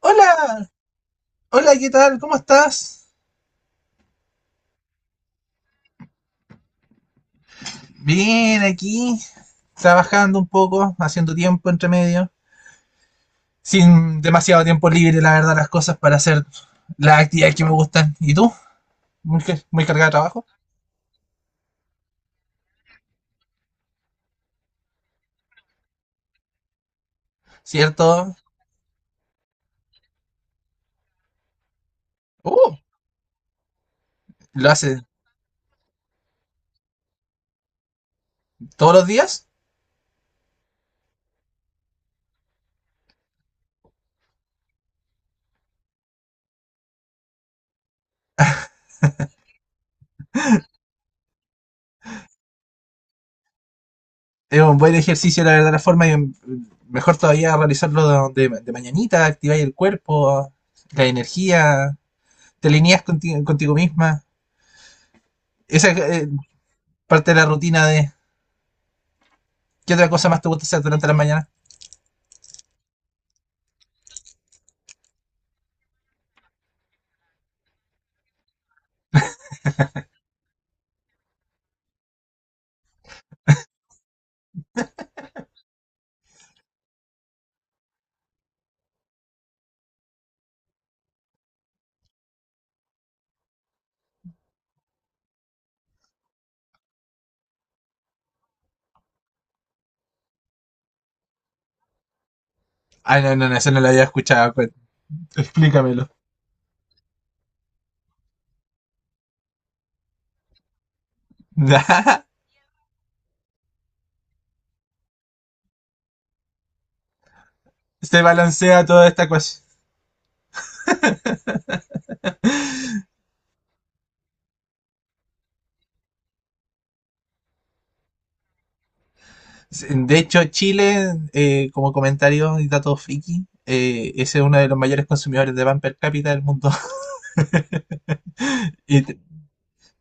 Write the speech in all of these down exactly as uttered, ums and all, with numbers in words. Hola, hola, ¿qué tal? ¿Cómo estás? Bien, aquí, trabajando un poco, haciendo tiempo entre medio, sin demasiado tiempo libre, la verdad, las cosas para hacer las actividades que me gustan. ¿Y tú? Muy, ca- muy cargada de trabajo, ¿cierto? Uh, ¿lo haces todos los días? Es un buen ejercicio, la verdad, la forma, y mm, mejor todavía realizarlo de, de- de mañanita, activar el cuerpo, la energía, te alineas conti- contigo misma. Esa es eh, parte de la rutina de, ¿qué otra cosa más te gusta hacer durante la mañana? Ah, no, no, no, eso no lo había escuchado. cu- Explícamelo. Se balancea toda esta cosa. De hecho, Chile, eh, como comentario y dato friki, eh, ese es uno de los mayores consumidores de pan per cápita del mundo. Y, te-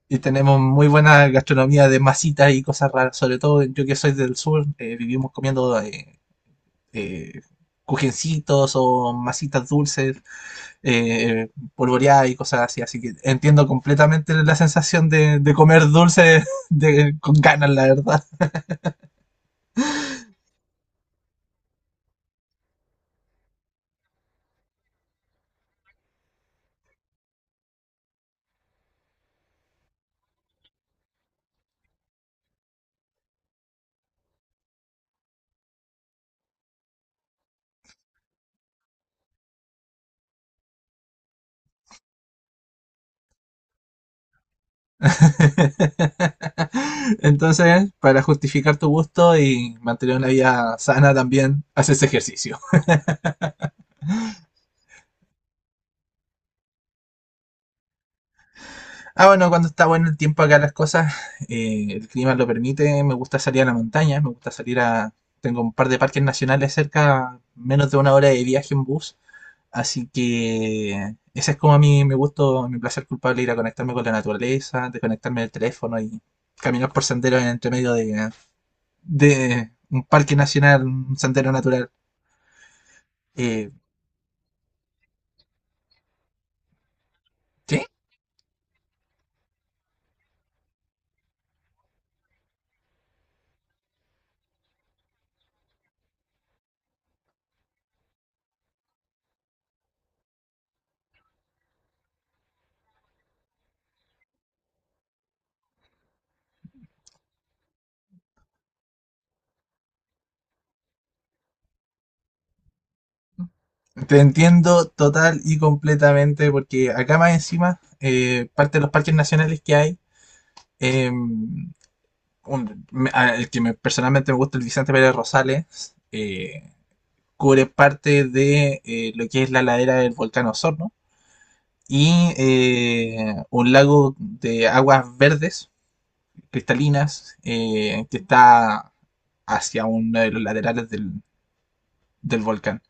y tenemos muy buena gastronomía de masitas y cosas raras. Sobre todo yo que soy del sur, eh, vivimos comiendo eh, eh, cujencitos o masitas dulces eh, polvoreada y cosas así. Así que entiendo completamente la sensación de, de comer dulce de, con ganas, la verdad. Entonces, para justificar tu gusto y mantener una vida sana también, haces ejercicio. Ah, bueno, cuando está bueno el tiempo acá, las cosas, eh, el clima lo permite. Me gusta salir a la montaña, me gusta salir a. Tengo un par de parques nacionales cerca, menos de una hora de viaje en bus. Así que ese es como a mí me gusto, mi placer culpable, ir a conectarme con la naturaleza, desconectarme del teléfono y caminar por senderos en entre medio de, de un parque nacional, un sendero natural. Eh, ¿qué? Te entiendo total y completamente porque acá más encima, eh, parte de los parques nacionales que hay, eh, un- me- a- el que me- personalmente me gusta, el Vicente Pérez Rosales, eh, cubre parte de eh, lo que es la ladera del volcán Osorno y eh, un lago de aguas verdes, cristalinas, eh, que está hacia uno de los laterales del, del volcán.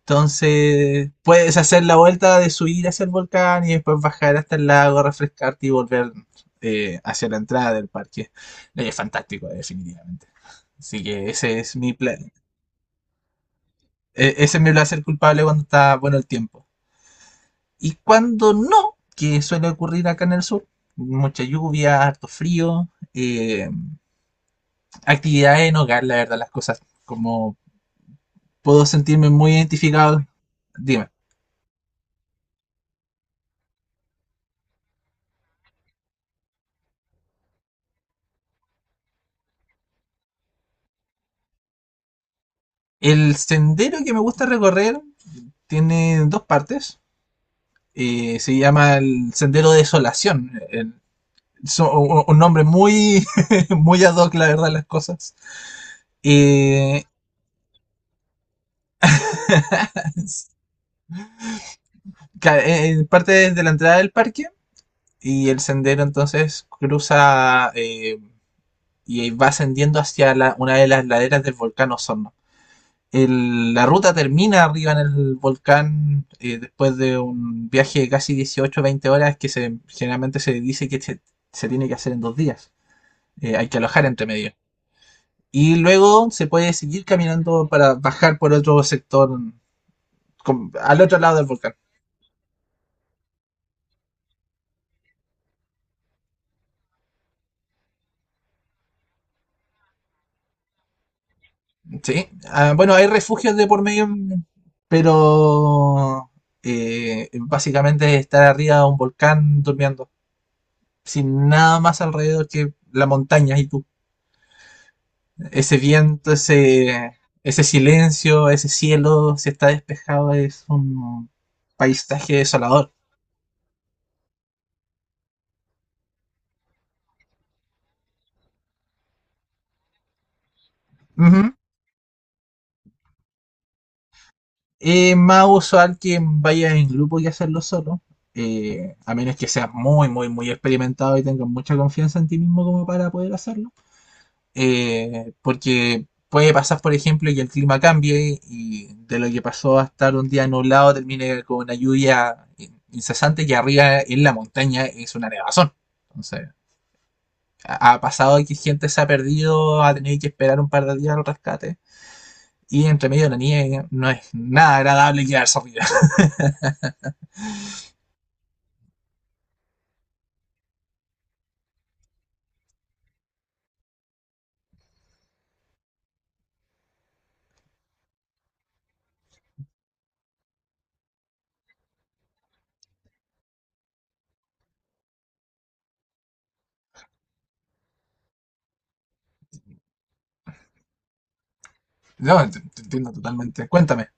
Entonces, puedes hacer la vuelta de subir hacia el volcán y después bajar hasta el lago, refrescarte y volver eh, hacia la entrada del parque. Eh, Es fantástico, definitivamente. Así que ese es mi pla- e- ese es mi placer culpable cuando está bueno el tiempo. Y cuando no, que suele ocurrir acá en el sur, mucha lluvia, harto frío, eh, actividades en hogar, la verdad, las cosas, como puedo sentirme muy identificado, dime. El sendero que me gusta recorrer tiene dos partes. Eh, se llama el Sendero Desolación. El- so- un un nombre muy, muy ad hoc, la verdad, las cosas. Eh, ca- eh, Parte desde la entrada del parque y el sendero entonces cruza eh, y va ascendiendo hacia la, una de las laderas del volcán Osorno. El, la ruta termina arriba en el volcán eh, después de un viaje de casi dieciocho a veinte horas que se, generalmente se dice que se, se tiene que hacer en dos días. Eh, hay que alojar entre medio. Y luego se puede seguir caminando para bajar por otro sector con, al otro lado del volcán. ¿Sí? Ah, bueno, hay refugios de por medio, pero eh, básicamente es estar arriba de un volcán durmiendo sin nada más alrededor que la montaña y tú. Ese viento, ese, ese silencio, ese cielo, si está despejado, es un paisaje desolador. Ujú. Es más usual que vaya en grupo y hacerlo solo, eh, a menos que seas muy, muy, muy experimentado y tengas mucha confianza en ti mismo como para poder hacerlo. Eh, porque puede pasar, por ejemplo, que el clima cambie y de lo que pasó a estar un día nublado termine con una lluvia in- incesante que arriba en la montaña es una nevazón. Entonces, ha ha pasado que gente se ha perdido, ha tenido que esperar un par de días al rescate. Y entre medio de la nieve no es nada agradable quedarse arriba. No, te, te entiendo totalmente. Cuéntame.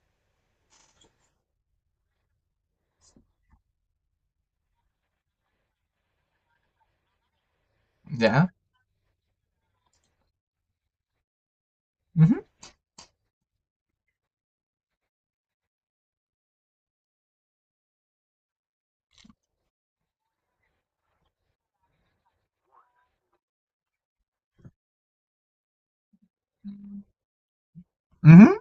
¿Ya? Ujú, ujú,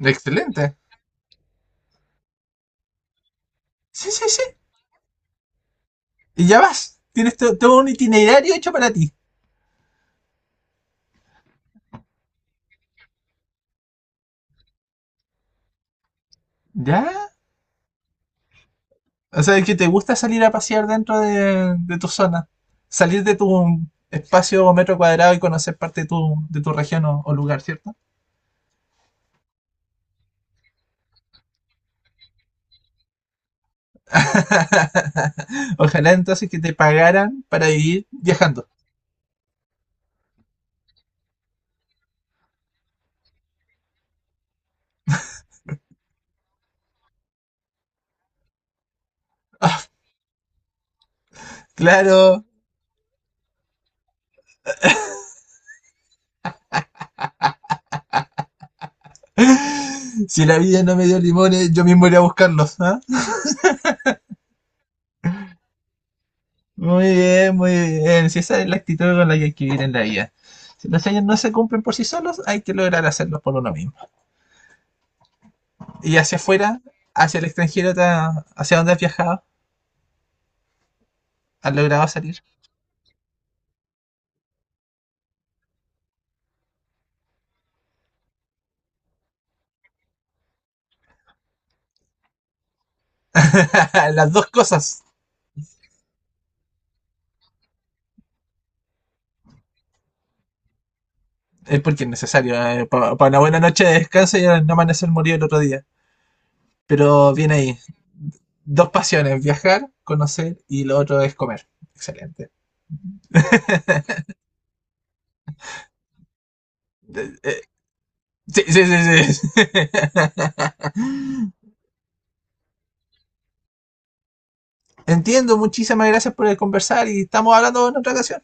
excelente. Sí, sí, sí. Y ya vas. Tienes to- todo un itinerario hecho para ti. ¿Ya? O sea, que te gusta salir a pasear dentro de, de tu zona. Salir de tu espacio o metro cuadrado y conocer parte de tu, de tu región o, o lugar, ¿cierto? Ojalá entonces que te pagaran para vivir viajando. Claro. Si la vida no me dio limones, yo mismo iré a buscarlos, ¿ah? Muy bien, muy bien. Si esa es la actitud con la que hay que vivir en la vida. Si los sueños no se cumplen por sí solos, hay que lograr hacerlos por uno mismo. Y hacia afuera, hacia el extranjero, ta- hacia donde has viajado. Han logrado salir. Las dos cosas. Es porque es necesario. Eh, para pa una buena noche de descanso y no amanecer morir el otro día. Pero bien ahí. Dos pasiones, viajar, conocer y lo otro es comer. Excelente. Eh, eh, Sí, sí, sí, sí. Entiendo, muchísimas gracias por el conversar y estamos hablando en otra ocasión.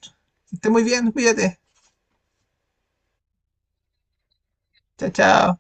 Que esté muy bien, cuídate. Chao, chao.